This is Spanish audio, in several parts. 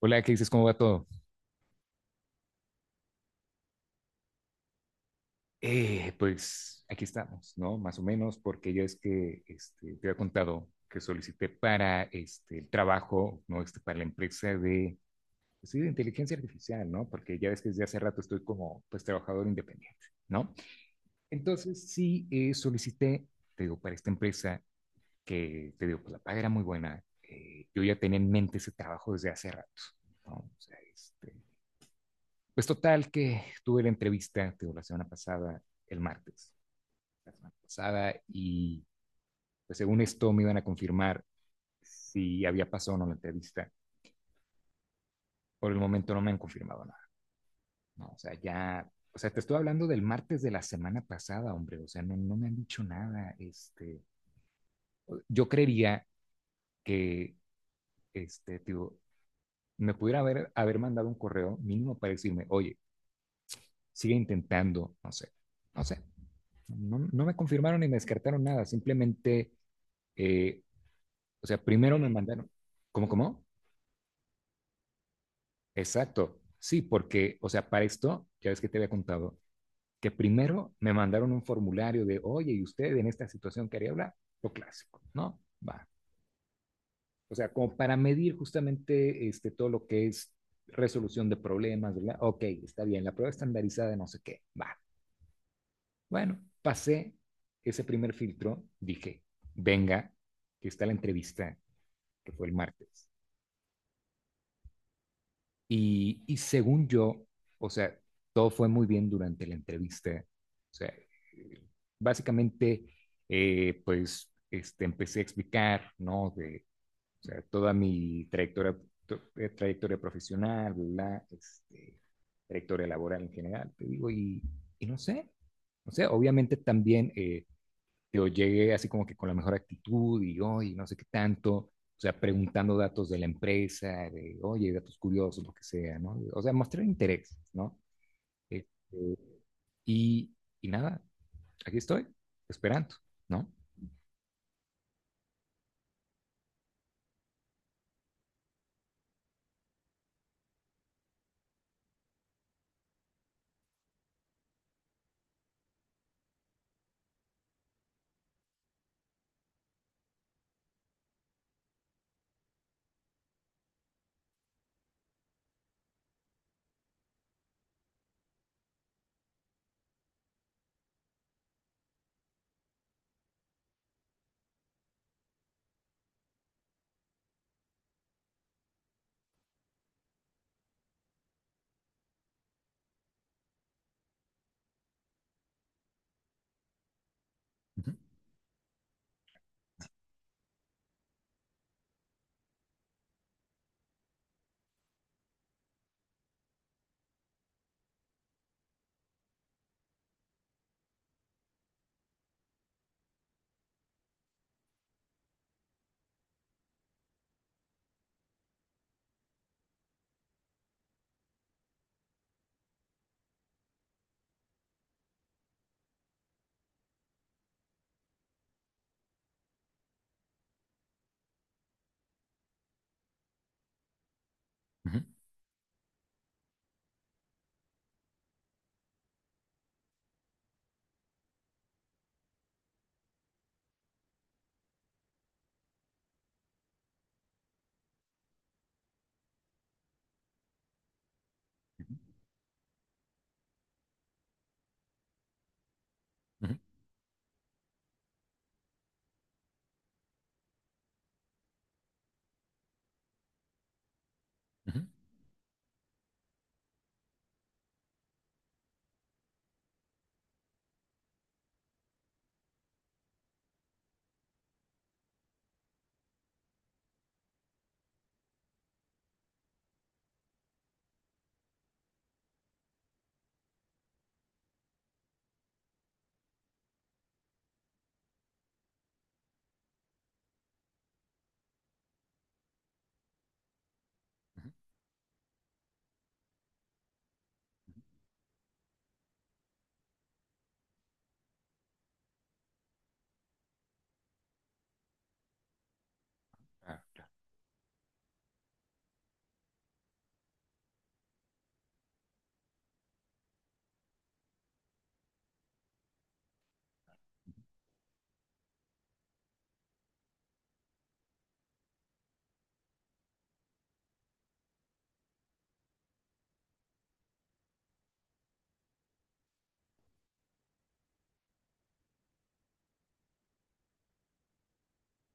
Hola, ¿qué dices? ¿Cómo va todo? Pues aquí estamos, ¿no? Más o menos, porque ya es que te había contado que solicité para el trabajo, ¿no? Para la empresa de, pues, sí, de inteligencia artificial, ¿no? Porque ya ves que desde hace rato estoy como, pues, trabajador independiente, ¿no? Entonces, sí, solicité, te digo, para esta empresa que, te digo, pues la paga era muy buena. Yo ya tenía en mente ese trabajo desde hace rato, ¿no? O sea, pues total que tuve la entrevista, te digo, la semana pasada, el martes, la semana pasada, y pues según esto me iban a confirmar si había pasado o no la entrevista. Por el momento no me han confirmado nada, ¿no? O sea, ya, o sea, te estoy hablando del martes de la semana pasada, hombre, o sea, no, no me han dicho nada, yo creería que, te digo, me pudiera haber mandado un correo mínimo para decirme, oye, sigue intentando, no sé, no sé, no, no no me confirmaron ni me descartaron nada, simplemente. Eh, o sea, primero me mandaron, ¿cómo, cómo? Exacto, sí, porque, o sea, para esto, ya ves que te había contado, que primero me mandaron un formulario de, oye, ¿y usted en esta situación quería hablar? Lo clásico, ¿no? Va. O sea, como para medir justamente todo lo que es resolución de problemas, ¿verdad? Ok, está bien, la prueba estandarizada, no sé qué, va. Bueno, pasé ese primer filtro, dije, venga, que está la entrevista, que fue el martes. Y según yo, o sea, todo fue muy bien durante la entrevista. O sea, básicamente, pues, empecé a explicar, ¿no? De, o sea, toda mi trayectoria, trayectoria profesional, la trayectoria laboral en general, te digo, y no sé. O sea, obviamente también yo llegué así como que con la mejor actitud y hoy no sé qué tanto, o sea, preguntando datos de la empresa, de oye, datos curiosos, lo que sea, ¿no? O sea, mostrar interés, ¿no? Este, y, y nada, aquí estoy, esperando, ¿no? Ujú, ujú, ujú, ujú. Ah,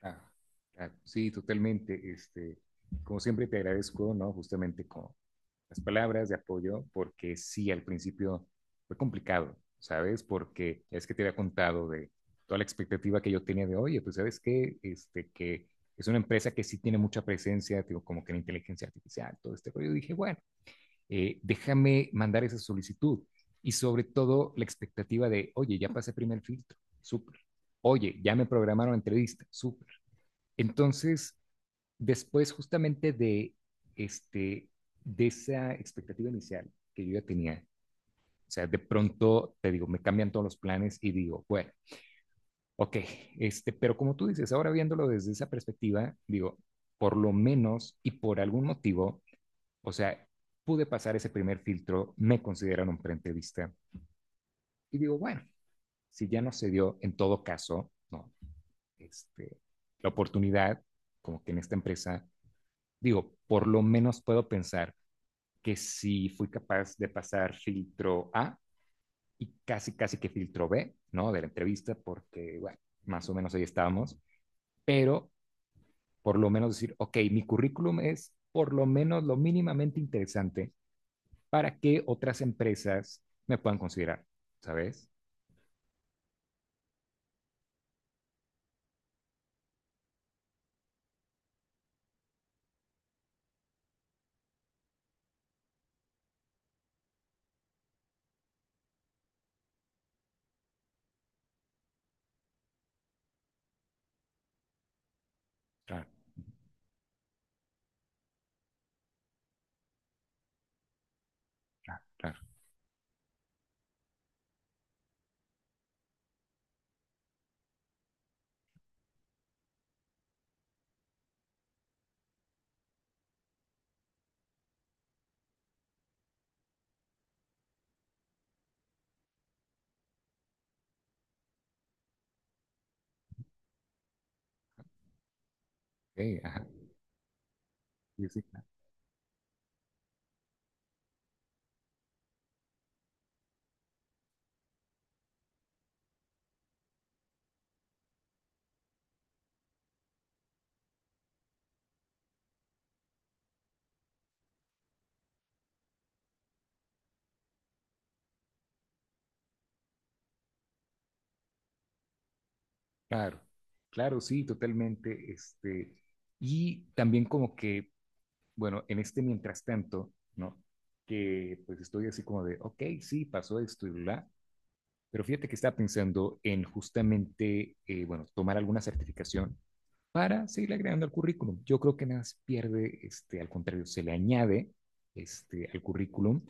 claro, claro. Sí, totalmente. Como siempre te agradezco, ¿no? Justamente con las palabras de apoyo, porque sí, al principio fue complicado, ¿sabes? Porque es que te había contado de toda la expectativa que yo tenía de, oye, pues sabes qué, que es una empresa que sí tiene mucha presencia, digo, como que en inteligencia artificial, todo este rollo. Dije, bueno, déjame mandar esa solicitud. Y sobre todo la expectativa de, oye, ya pasé primer filtro, súper. Oye, ya me programaron entrevista, súper. Entonces, después justamente este, de esa expectativa inicial que yo ya tenía, o sea, de pronto, te digo, me cambian todos los planes y digo, bueno, ok, pero como tú dices, ahora viéndolo desde esa perspectiva, digo, por lo menos y por algún motivo, o sea, pude pasar ese primer filtro, me consideran un preentrevista y digo, bueno, si ya no se dio, en todo caso, no, este, la oportunidad, como que en esta empresa digo, por lo menos puedo pensar que si fui capaz de pasar filtro A y casi, casi que filtro B, ¿no? De la entrevista, porque, bueno, más o menos ahí estábamos, pero por lo menos decir, ok, mi currículum es por lo menos lo mínimamente interesante para que otras empresas me puedan considerar, ¿sabes? Claro, claro, claro. Okay, ajá. Sí, sí, claro, claro, sí, totalmente. Y también como que, bueno, en este mientras tanto, ¿no? Que pues estoy así como de, ok, sí, pasó esto y bla, pero fíjate que estaba pensando en justamente, bueno, tomar alguna certificación para seguir agregando al currículum. Yo creo que nada se pierde, al contrario, se le añade al currículum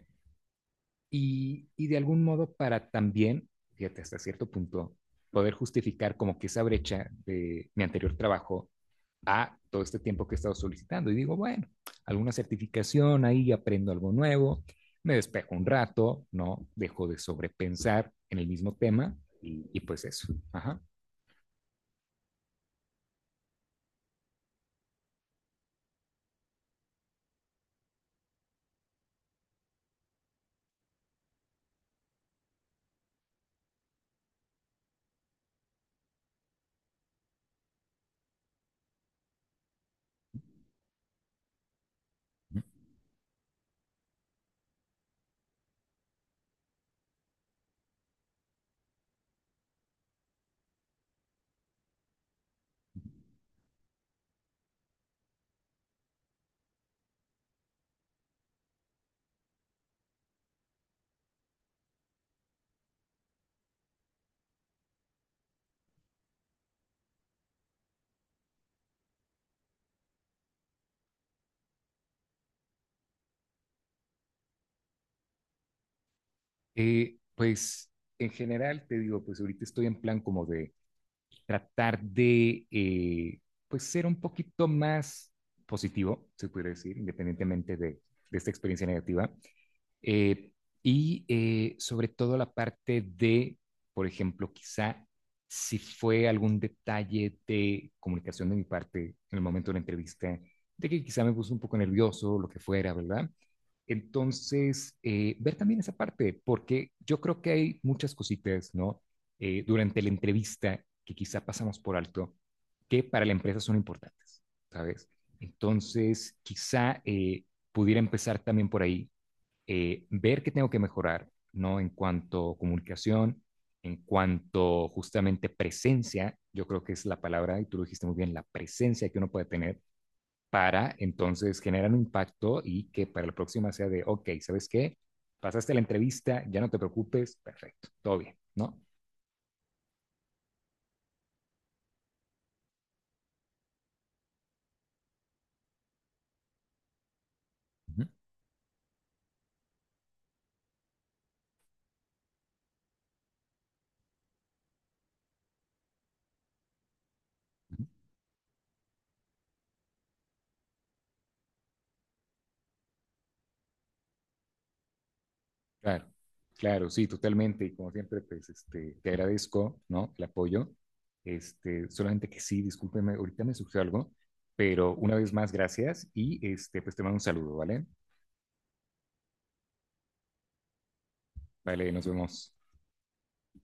y de algún modo para también, fíjate, hasta cierto punto, poder justificar como que esa brecha de mi anterior trabajo a todo este tiempo que he estado solicitando. Y digo, bueno, alguna certificación ahí, aprendo algo nuevo, me despejo un rato, ¿no? Dejo de sobrepensar en el mismo tema y pues eso. Ajá. Pues en general te digo, pues ahorita estoy en plan como de tratar de, pues ser un poquito más positivo, se puede decir, independientemente de esta experiencia negativa. Eh, y sobre todo la parte de, por ejemplo, quizá si fue algún detalle de comunicación de mi parte en el momento de la entrevista, de que quizá me puso un poco nervioso, lo que fuera, ¿verdad? Entonces, ver también esa parte, porque yo creo que hay muchas cositas, ¿no? Durante la entrevista que quizá pasamos por alto, que para la empresa son importantes, ¿sabes? Entonces, quizá pudiera empezar también por ahí, ver qué tengo que mejorar, ¿no? En cuanto a comunicación, en cuanto justamente presencia, yo creo que es la palabra, y tú lo dijiste muy bien, la presencia que uno puede tener para entonces generar un impacto y que para la próxima sea de, ok, ¿sabes qué? Pasaste la entrevista, ya no te preocupes, perfecto, todo bien, ¿no? Uh -huh. Claro, claro, sí, totalmente. Y como siempre, pues, te agradezco, ¿no? El apoyo. Solamente que sí, discúlpeme, ahorita me surgió algo, pero una vez más, gracias y pues te mando un saludo, ¿vale? Vale, nos vemos.